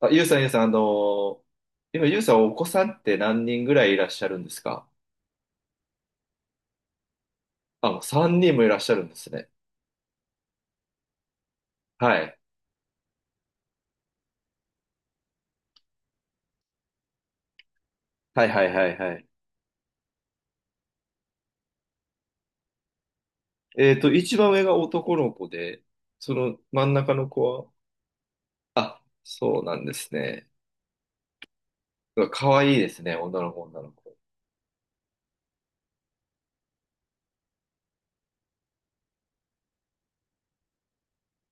あ、ゆうさん、ゆうさん、ー今、ゆうさん、お子さんって何人ぐらいいらっしゃるんですか？あ、もう3人もいらっしゃるんですね。はい。はいはいはいはい。一番上が男の子で、その真ん中の子は、あ、そうなんですね。うわ可愛いですね、女の子、女の子。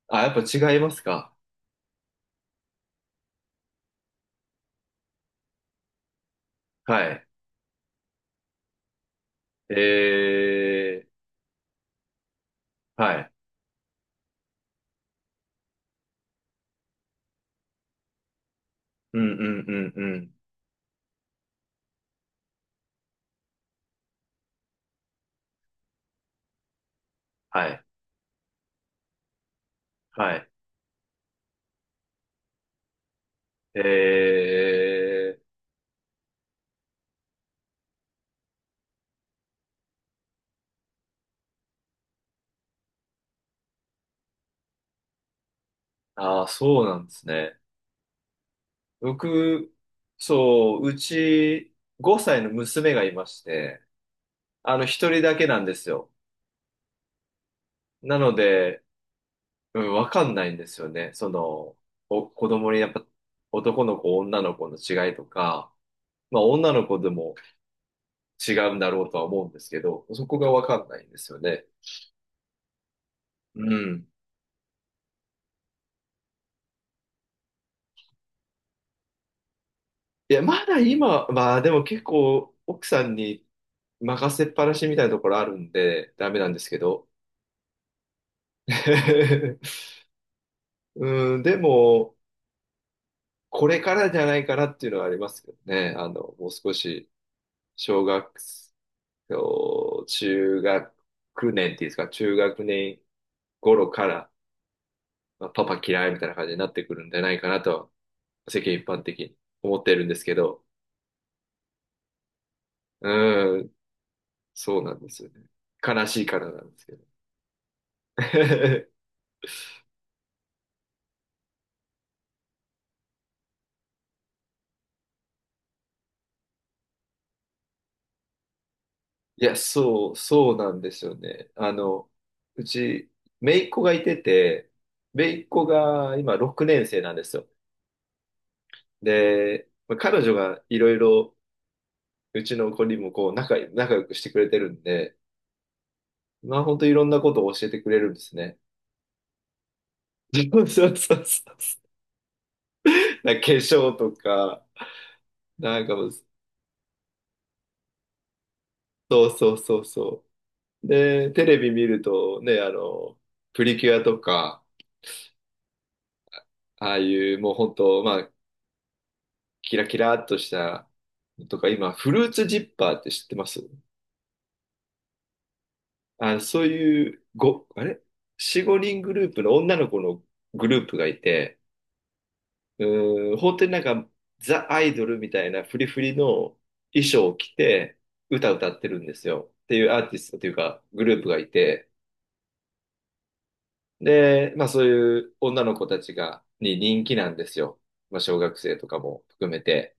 あ、やっぱ違いますか？はい。えはい。うんうんうんうん。はい。はい。えー、ああそうなんですね。僕、そう、うち5歳の娘がいまして、一人だけなんですよ。なので、うん、わかんないんですよね。子供にやっぱ男の子、女の子の違いとか、まあ女の子でも違うんだろうとは思うんですけど、そこがわかんないんですよね。うん。いや、まだ今、まあでも結構奥さんに任せっぱなしみたいなところあるんで、ダメなんですけど。うん、でも、これからじゃないかなっていうのはありますけどね。もう少し、小学生、中学年っていうんですか、中学年頃から、まあパパ嫌いみたいな感じになってくるんじゃないかなと、世間一般的に思ってるんですけど、うーん、そうなんですよね。悲しいからなんですけど。いや、そうなんですよね。うち、姪っ子がいてて、姪っ子が今6年生なんですよ。で、まあ彼女がいろいろうちの子にもこう仲良くしてくれてるんで、まあ本当いろんなことを教えてくれるんですね。そうそうそうそう。なんか化粧とか、なんかもう、そうそうそうそう。で、テレビ見るとね、プリキュアとか、ああいうもう本当、まあ、キラキラっとしたのとか、今、フルーツジッパーって知ってます？あ、そういう、あれ ?4、5人グループの女の子のグループがいて、うん、本当になんか、ザ・アイドルみたいなフリフリの衣装を着て、歌歌ってるんですよ。っていうアーティストというか、グループがいて、で、まあそういう女の子たちが、に人気なんですよ。まあ小学生とかも含めて。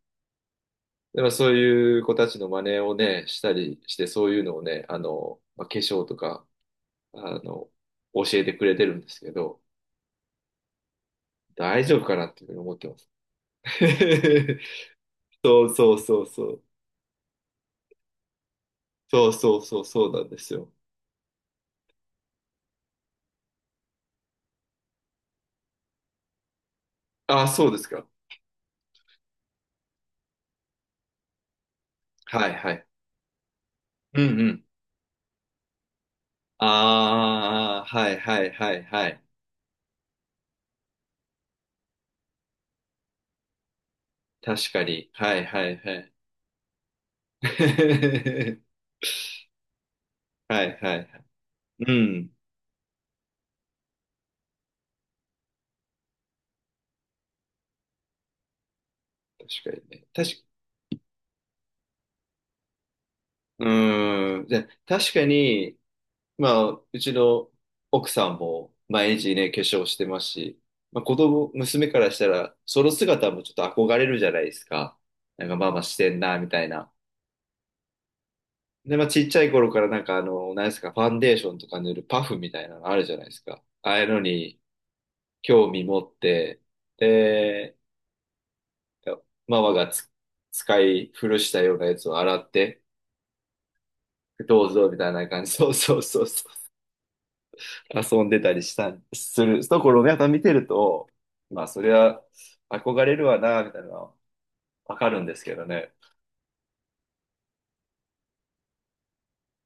で、まあそういう子たちの真似をね、したりして、そういうのをね、まあ、化粧とか、あの、教えてくれてるんですけど、大丈夫かなっていうふうに思ってます。そうそうそうそう。そうそうそうそうなんですよ。ああ、そうですか。はいはい。うんうん。ああ、はいはいはいはい。確かに。はいはいはい。はいはいはい。うん。確かにね。うーん。じゃ、確かに、まあ、うちの奥さんも毎日ね、化粧してますし、まあ、子供、娘からしたら、その姿もちょっと憧れるじゃないですか。なんかママしてんな、みたいな。で、まあ、ちっちゃい頃からなんか何ですか、ファンデーションとか塗るパフみたいなのあるじゃないですか。ああいうのに興味持って、で、ママが使い古したようなやつを洗って、どうぞみたいな感じ、そうそうそうそう、遊んでたりしたん、するところをやっぱ見てると、まあ、それは憧れるわな、みたいなのはわかるんですけどね。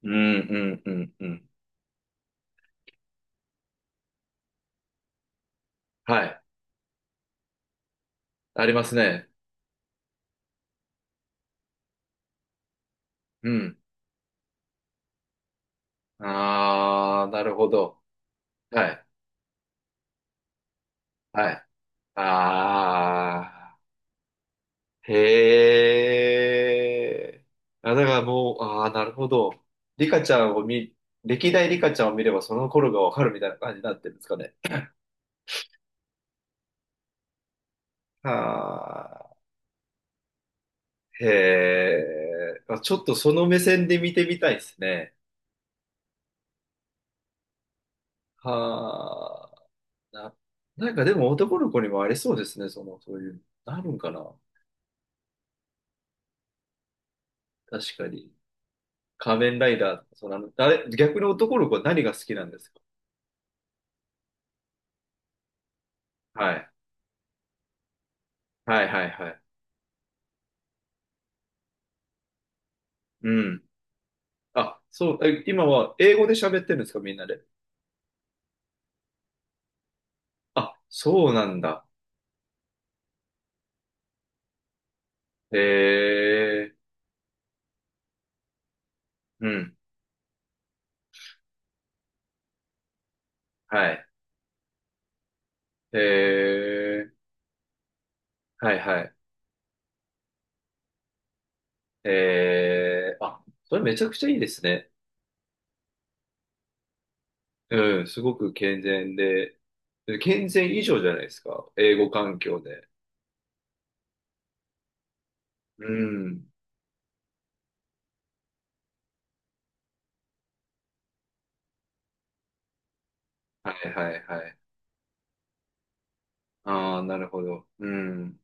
うん、うん、うん、うん。はい。ありますね。うん。ああ、なるほど。はい。はい。あー、へえ。あ、だからもう、ああ、なるほど。リカちゃんを見、歴代リカちゃんを見ればその頃がわかるみたいな感じになってるんですかね。はあ、へえ。あちょっとその目線で見てみたいですね。はあ、なんかでも男の子にもありそうですね、その、そういう、なるんかな。確かに。仮面ライダーとか、その、あの、あれ、逆に男の子は何が好きなんですか？はい。はいはいはい。うん。あ、そう、今は英語で喋ってるんですか、みんなで。あ、そうなんだ。へえ、うん、はい。へえ、はいはい。へえ、あ、それめちゃくちゃいいですね。うん、すごく健全で、健全以上じゃないですか、英語環境で。うん、はいはいはい。ああ、なるほど。うん、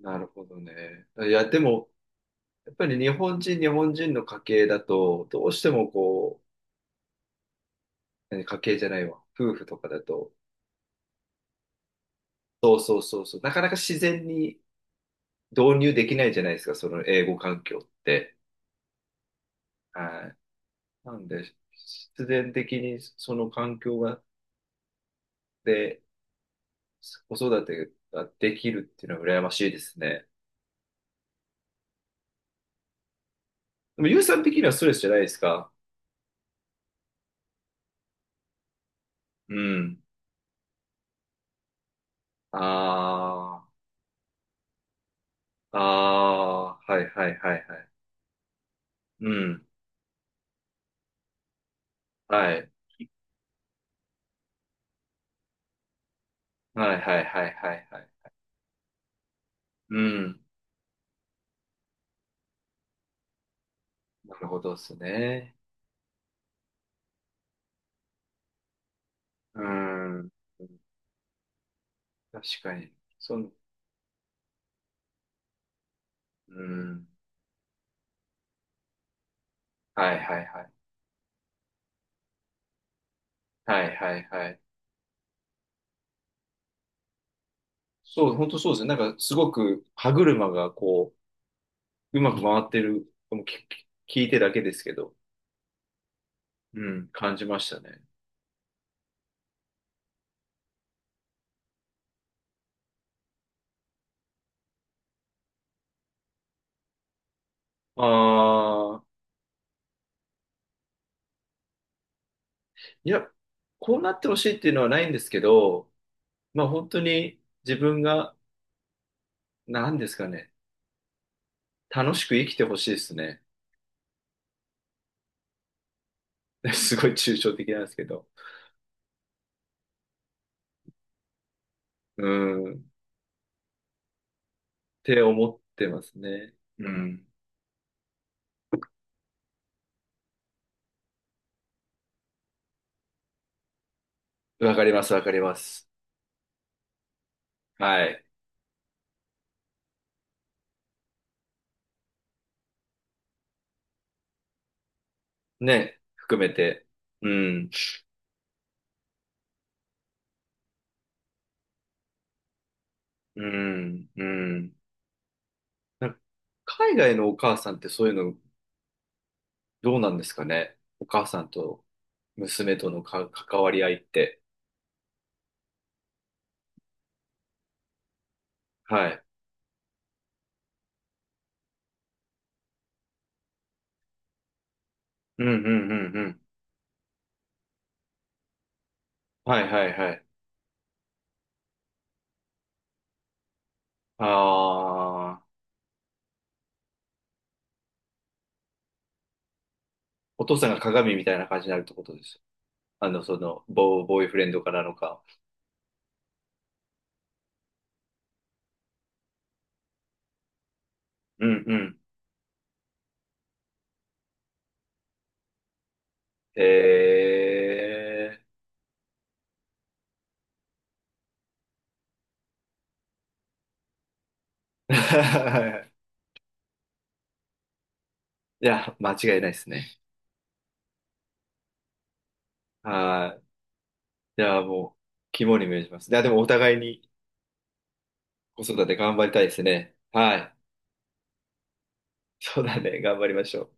なるほどね。いや、でも、やっぱり日本人の家系だと、どうしてもこう、え家計じゃないわ。夫婦とかだと。そうそうそうそう。なかなか自然に導入できないじゃないですか、その英語環境って。はい。なんで、必然的にその環境が、で、子育てができるっていうのは羨ましいですね。でも、ゆうさん的にはストレスじゃないですか？うん。ああ、ああはいはいはいはい。うん。はい。はいはいはいはいはい。うん。なるほどですね。うん。確かに。その、うん。はいはいはい。はいはいはい。そう、本当そうですね。なんかすごく歯車がこう、うまく回ってる、もう聞いてだけですけど、うん、感じましたね。ああ、いや、こうなってほしいっていうのはないんですけど、まあ本当に自分が、なんですかね、楽しく生きてほしいですね。すごい抽象的なんですけど。うん、って思ってますね。うん。わかります、わかります。はい。ね、含めて。うん、うん、うん。なんか海外のお母さんってそういうのどうなんですかね。お母さんと娘との関わり合いって。はい。うん、うん、うん、うん。はい、はい、はい。ああ、お父さんが鏡みたいな感じになるってことです。ボーイフレンドからのか。うん、うん。えー。いや、間違いないですね。はい。いや、もう、肝に銘じます。いや、でもお互いに、子育て頑張りたいですね。はい。そうだね。頑張りましょう。